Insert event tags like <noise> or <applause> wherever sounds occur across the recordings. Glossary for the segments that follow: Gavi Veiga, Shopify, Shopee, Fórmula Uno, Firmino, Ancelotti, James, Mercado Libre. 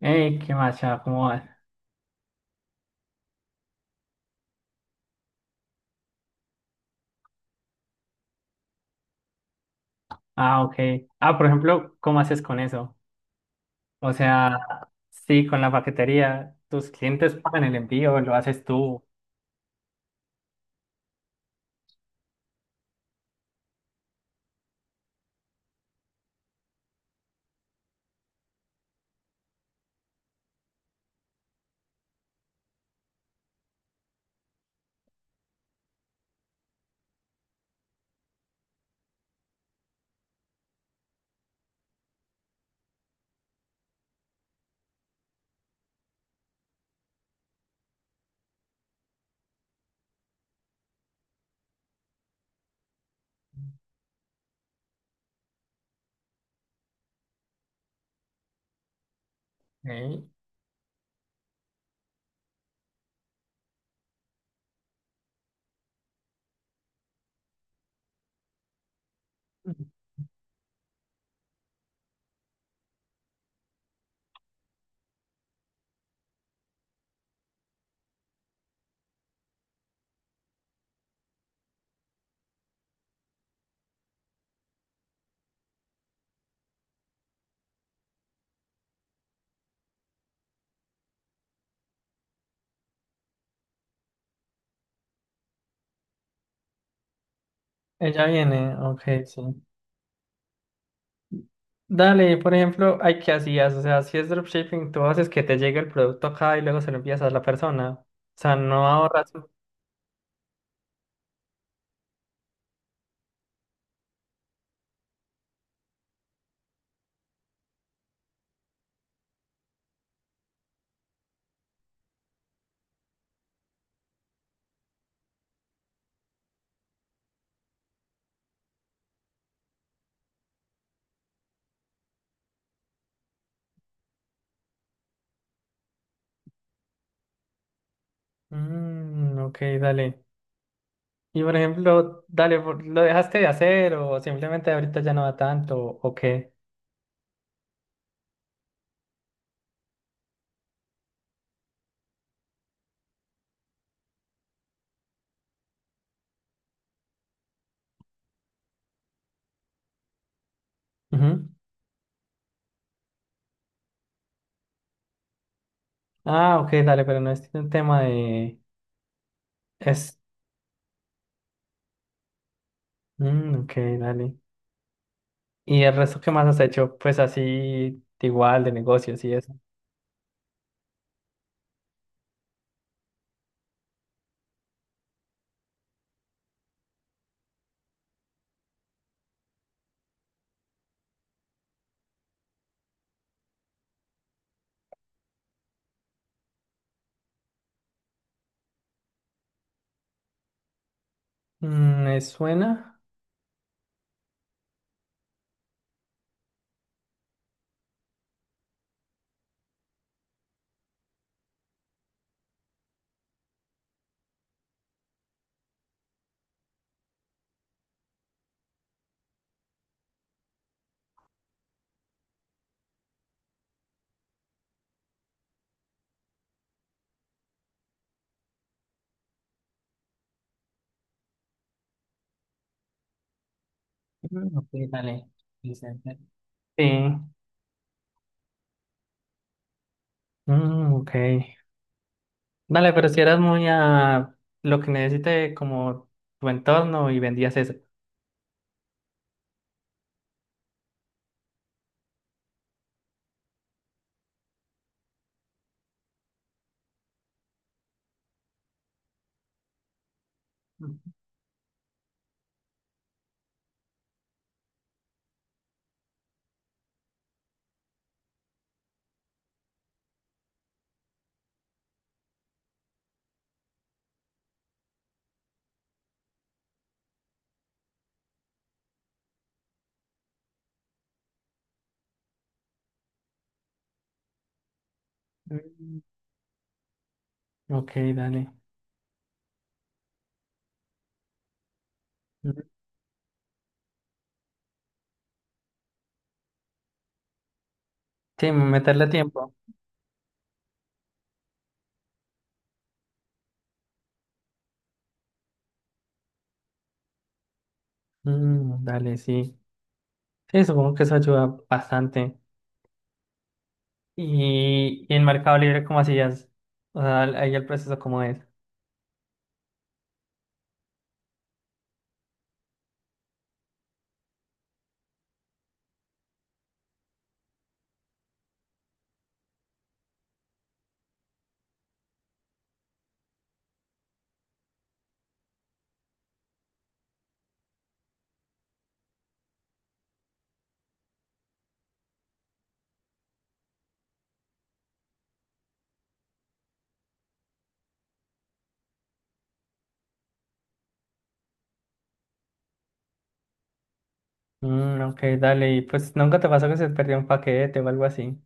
Ey, qué macha, ¿cómo vas? Ah, ok. Ah, por ejemplo, ¿cómo haces con eso? O sea, sí, con la paquetería, tus clientes pagan el envío, lo haces tú. Ey. Ella viene, ok, sí. Dale, por ejemplo, hay qué hacías, o sea, si es dropshipping, tú haces que te llegue el producto acá y luego se lo envías a la persona. O sea, no ahorras. Mm, ok, dale. Y por ejemplo, dale, ¿lo dejaste de hacer o simplemente ahorita ya no va tanto o qué? Ujú. Ah, ok, dale, pero no es un tema de... Es... Mm, ok, dale. ¿Y el resto qué más has hecho? Pues así, igual, de negocios y eso. Mm, ¿me suena? Mm, ok, dale. Vicente. Sí. Mm, ok. Dale, pero si eras muy a lo que necesite como tu entorno y vendías eso. Mm. Mm, ok, dale. Mm. Sí, meterle tiempo. Mm, dale, sí. Sí, supongo que eso ayuda bastante. Y en Mercado Libre, ¿cómo hacías? O sea, ahí el proceso, ¿cómo es? Mm, ok, dale. Y pues nunca te pasó que se perdió un paquete o algo así.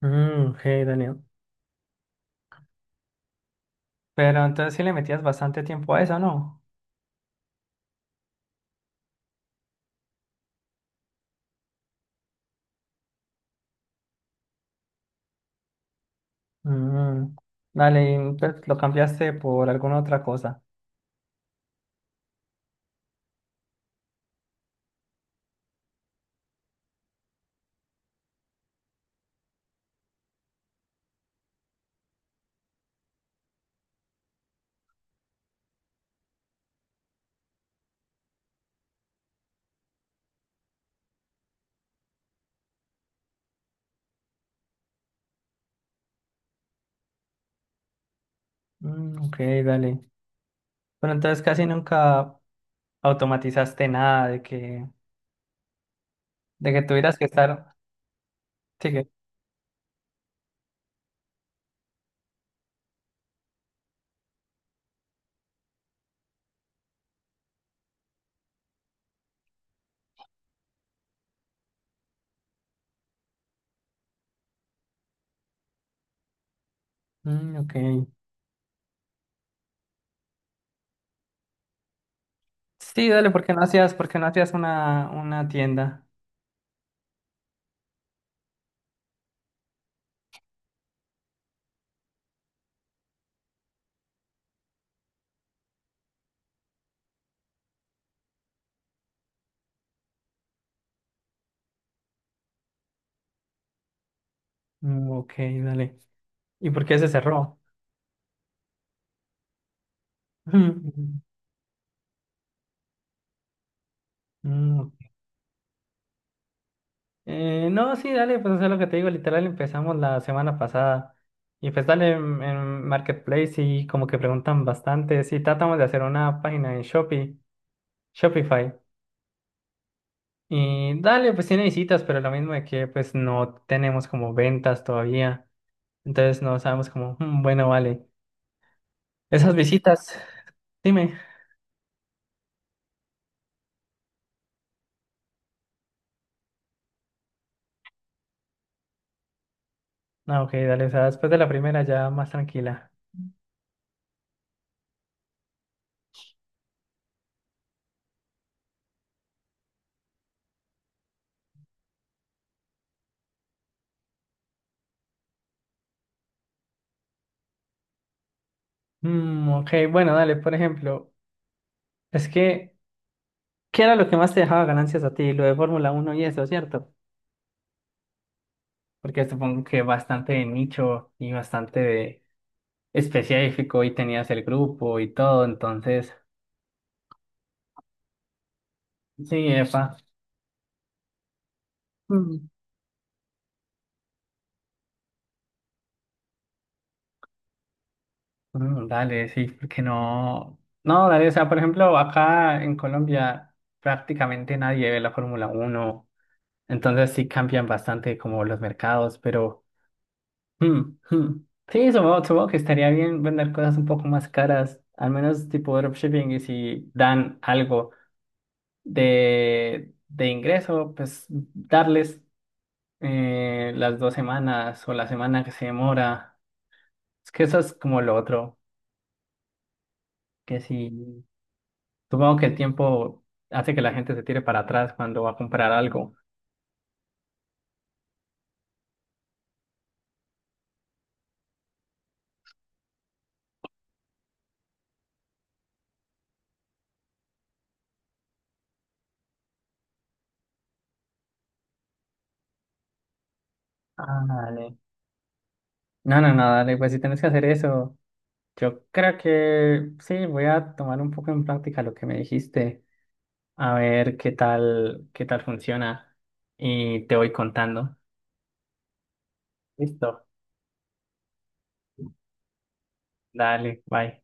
Mm, ok, dale. Pero entonces sí le metías bastante tiempo a eso, ¿no? Mm, dale, y entonces lo cambiaste por alguna otra cosa. Mm, ok, dale. Pero entonces casi nunca automatizaste nada de que tuvieras que estar. Sigue. Mm, ok. Sí, dale, ¿porque no hacías una tienda? Mm, ok, dale. ¿Y por qué se cerró? <laughs> Mm, mm, ok. No, sí, dale, pues eso es lo que te digo, literal empezamos la semana pasada y pues dale en Marketplace y como que preguntan bastante, sí, tratamos de hacer una página en Shopee, Shopify y dale, pues tiene visitas, pero lo mismo de que pues no tenemos como ventas todavía, entonces no sabemos como, "Mm, bueno, vale, esas visitas", dime. Ah, ok, dale, o sea, después de la primera ya más tranquila. Mm, ok, bueno, dale, por ejemplo, es que, ¿qué era lo que más te dejaba ganancias a ti? Lo de Fórmula Uno y eso, ¿cierto? Porque supongo que bastante de nicho y bastante de específico y tenías el grupo y todo, entonces, sí, epa. Mm. Mm, dale, sí, porque no. No, dale, o sea, por ejemplo, acá en Colombia prácticamente nadie ve la Fórmula Uno, entonces sí cambian bastante como los mercados, pero. Mm, mm. Sí, supongo, supongo que estaría bien vender cosas un poco más caras, al menos tipo dropshipping, y si dan algo de ingreso, pues darles las 2 semanas o la semana que se demora. Es que eso es como lo otro, que si supongo que el tiempo hace que la gente se tire para atrás cuando va a comprar algo. Ah, dale. No, dale, pues si tienes que hacer eso, yo creo que sí, voy a tomar un poco en práctica lo que me dijiste. A ver qué tal funciona y te voy contando. Listo, dale, bye.